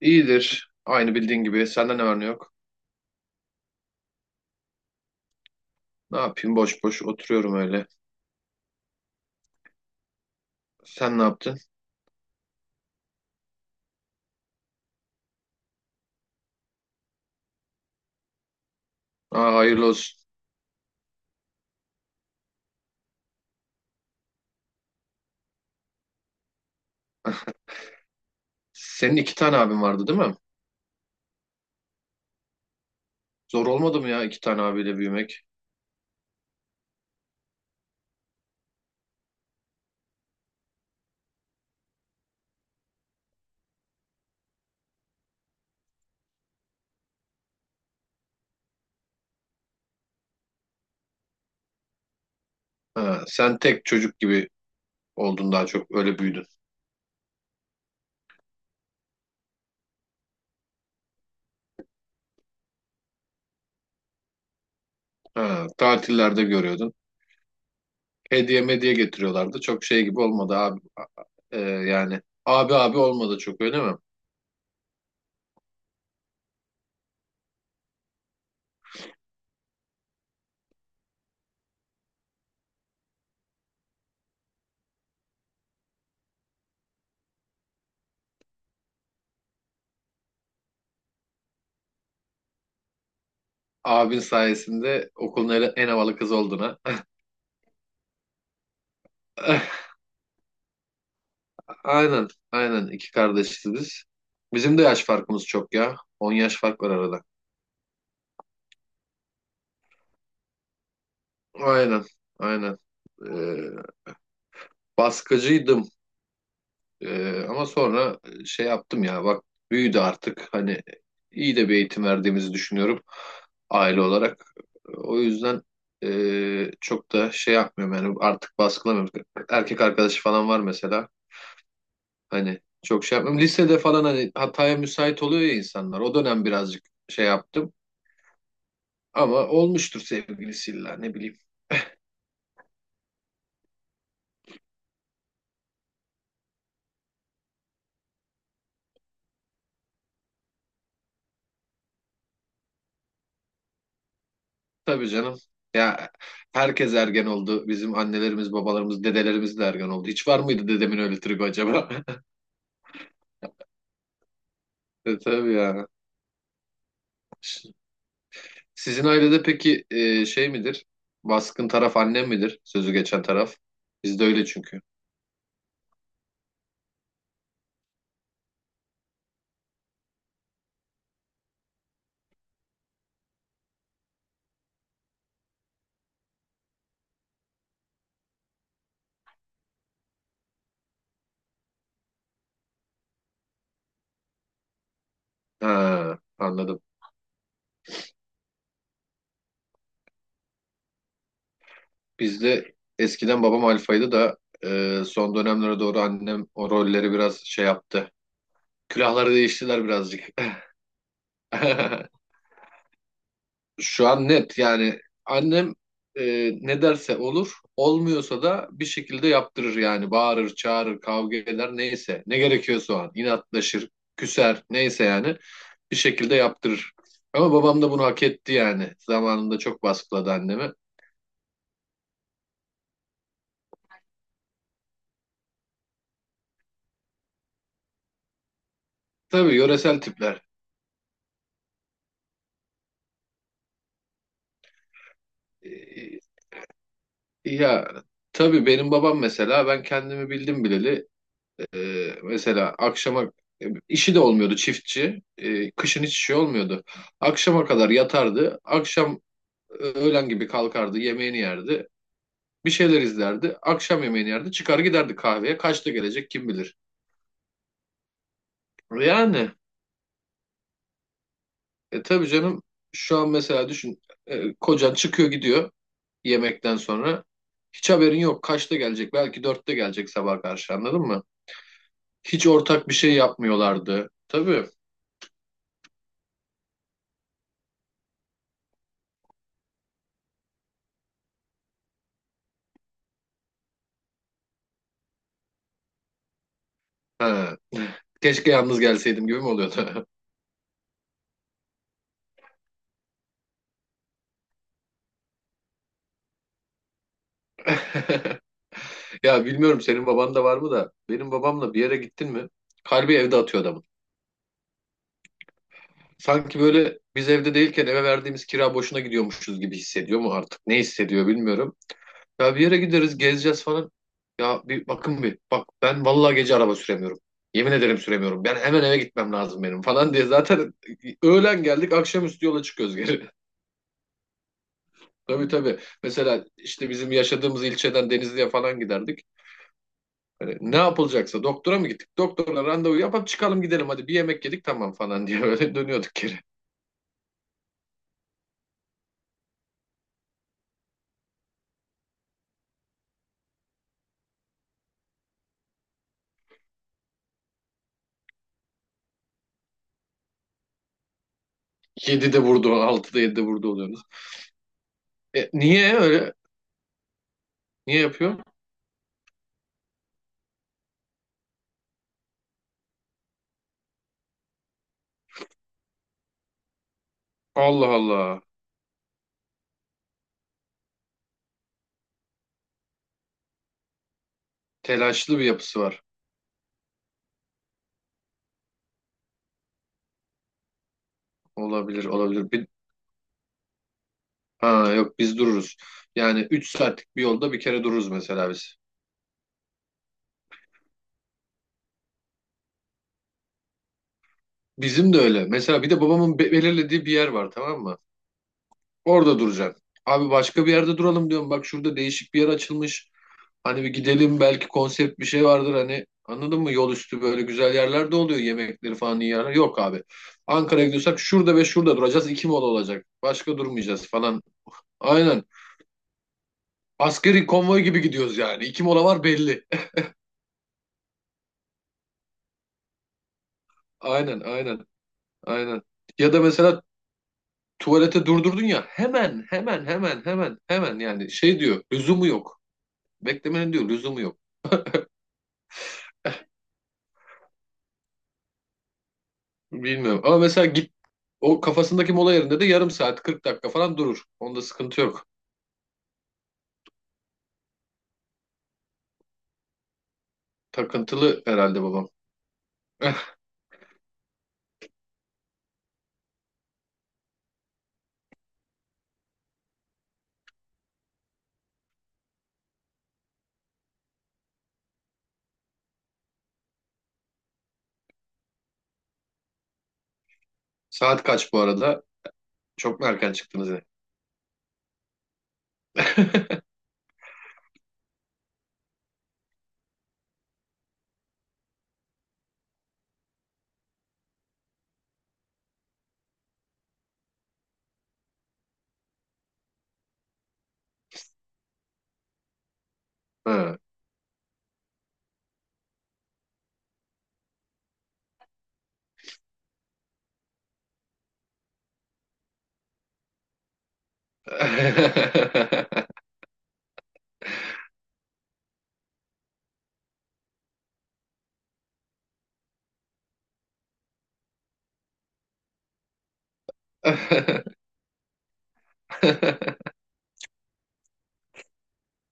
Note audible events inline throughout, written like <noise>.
İyidir. Aynı bildiğin gibi. Senden ne var ne yok. Ne yapayım? Boş boş oturuyorum öyle. Sen ne yaptın? Aa, hayırlı olsun. Senin iki tane abin vardı değil mi? Zor olmadı mı ya iki tane abiyle büyümek? Ha, sen tek çocuk gibi oldun daha çok. Öyle büyüdün. Ha, tatillerde görüyordun. Hediye mediye getiriyorlardı. Çok şey gibi olmadı abi. Yani abi abi olmadı çok öyle mi? Abin sayesinde okulun en havalı kızı oldun ha. <laughs> Aynen, aynen. iki kardeşiz biz. Bizim de yaş farkımız çok ya. 10 yaş fark var arada. Aynen, aynen. Ee, baskıcıydım. Ama sonra şey yaptım ya. Bak büyüdü artık. Hani iyi de bir eğitim verdiğimizi düşünüyorum aile olarak. O yüzden çok da şey yapmıyorum yani artık baskılamıyorum. Erkek arkadaşı falan var mesela. Hani çok şey yapmıyorum. Lisede falan hani hataya müsait oluyor ya insanlar. O dönem birazcık şey yaptım. Ama olmuştur sevgilisiyle ne bileyim. Tabii canım. Ya herkes ergen oldu. Bizim annelerimiz, babalarımız, dedelerimiz de ergen oldu. Hiç var mıydı dedemin öyle tribi acaba? <laughs> E, tabii ya. Sizin ailede peki şey midir? Baskın taraf annem midir? Sözü geçen taraf. Bizde öyle çünkü. Ha, anladım. Bizde eskiden babam alfaydı da son dönemlere doğru annem o rolleri biraz şey yaptı. Külahları değiştiler birazcık. <laughs> Şu an net yani annem ne derse olur, olmuyorsa da bir şekilde yaptırır yani bağırır, çağırır, kavga eder neyse ne gerekiyorsa o an inatlaşır, küser neyse yani bir şekilde yaptırır. Ama babam da bunu hak etti yani zamanında çok baskıladı annemi. Tabii yöresel tipler. E, ya tabii benim babam mesela ben kendimi bildim bileli. Mesela akşama işi de olmuyordu çiftçi. Kışın hiç şey olmuyordu. Akşama kadar yatardı. Akşam öğlen gibi kalkardı, yemeğini yerdi. Bir şeyler izlerdi. Akşam yemeğini yerdi. Çıkar giderdi kahveye. Kaçta gelecek kim bilir. Yani tabii canım şu an mesela düşün, kocan çıkıyor gidiyor yemekten sonra. Hiç haberin yok. Kaçta gelecek? Belki dörtte gelecek sabah karşı, anladın mı? Hiç ortak bir şey yapmıyorlardı. Tabii. Ha. Keşke yalnız gelseydim gibi mi oluyordu? <laughs> Ya bilmiyorum senin baban da var mı da benim babamla bir yere gittin mi? Kalbi evde atıyor adamın. Sanki böyle biz evde değilken eve verdiğimiz kira boşuna gidiyormuşuz gibi hissediyor mu artık? Ne hissediyor bilmiyorum. Ya bir yere gideriz gezeceğiz falan. Ya bir bak, ben vallahi gece araba süremiyorum. Yemin ederim süremiyorum. Ben hemen eve gitmem lazım benim falan diye zaten <laughs> öğlen geldik akşamüstü yola çıkıyoruz geri. <laughs> Tabii tabii. Mesela işte bizim yaşadığımız ilçeden Denizli'ye falan giderdik. Hani ne yapılacaksa doktora mı gittik? Doktorla randevu yapıp çıkalım gidelim hadi bir yemek yedik tamam falan diye öyle <laughs> dönüyorduk geri. 7'de vurdu, 6'da 7'de vurdu oluyoruz. E, niye öyle? Niye yapıyor? Allah Allah. Telaşlı bir yapısı var. Olabilir, olabilir. Ha yok biz dururuz. Yani 3 saatlik bir yolda bir kere dururuz mesela biz. Bizim de öyle. Mesela bir de babamın belirlediği bir yer var, tamam mı? Orada duracaksın. Abi başka bir yerde duralım diyorum. Bak şurada değişik bir yer açılmış. Hani bir gidelim belki konsept bir şey vardır hani, anladın mı? Yol üstü böyle güzel yerler de oluyor, yemekleri falan iyi yerler. Yok abi. Ankara'ya gidiyorsak şurada ve şurada duracağız. İki mola olacak. Başka durmayacağız falan. Aynen. Askeri konvoy gibi gidiyoruz yani. İki mola var belli. <laughs> Aynen aynen aynen. Ya da mesela tuvalete durdurdun ya hemen yani şey diyor, lüzumu yok. Beklemenin diyor lüzumu yok. Bilmiyorum ama mesela git, o kafasındaki mola yerinde de yarım saat 40 dakika falan durur. Onda sıkıntı yok. Takıntılı herhalde babam. <laughs> Eh, saat kaç bu arada? Çok mu erken çıktınız yine? <laughs> Ha. <laughs>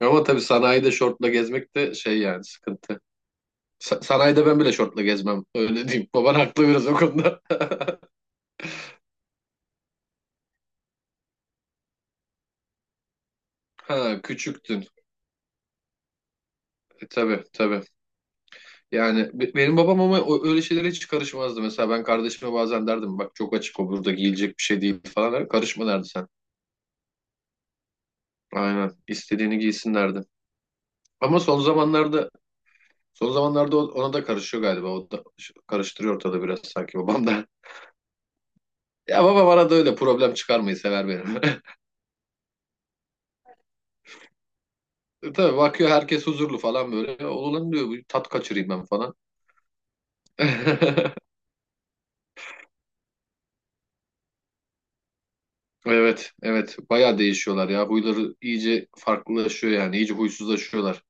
Ama tabii sanayide şortla gezmek de şey yani, sıkıntı. Sanayide ben bile şortla gezmem. Öyle diyeyim. Baban haklı biraz o konuda. <laughs> Ha, küçüktün. E, tabii tabii. Yani benim babam ama öyle şeylere hiç karışmazdı. Mesela ben kardeşime bazen derdim bak çok açık o, burada giyilecek bir şey değil falan. Karışma derdi sen. Aynen. İstediğini giysin derdi. Ama son zamanlarda, son zamanlarda ona da karışıyor galiba. O da karıştırıyor ortada biraz sanki babam da. <laughs> Ya babam arada öyle problem çıkarmayı sever benim. <laughs> E tabii, bakıyor herkes huzurlu falan böyle. Oğlum diyor bir tat kaçırayım ben falan. <laughs> Evet, evet. Bayağı değişiyorlar ya. Huyları iyice farklılaşıyor yani. İyice huysuzlaşıyorlar.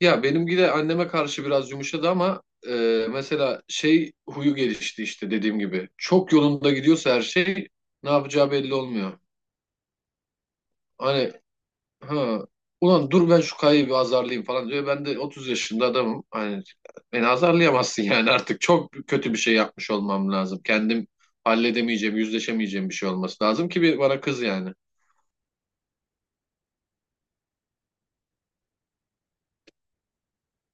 Ya benimki de anneme karşı biraz yumuşadı ama mesela şey huyu gelişti işte dediğim gibi. Çok yolunda gidiyorsa her şey, ne yapacağı belli olmuyor. Hani, ha, ulan dur ben şu kayayı bir azarlayayım falan diyor. Ben de 30 yaşında adamım. Hani beni azarlayamazsın yani, artık çok kötü bir şey yapmış olmam lazım. Kendim halledemeyeceğim, yüzleşemeyeceğim bir şey olması lazım ki bir bana kız yani.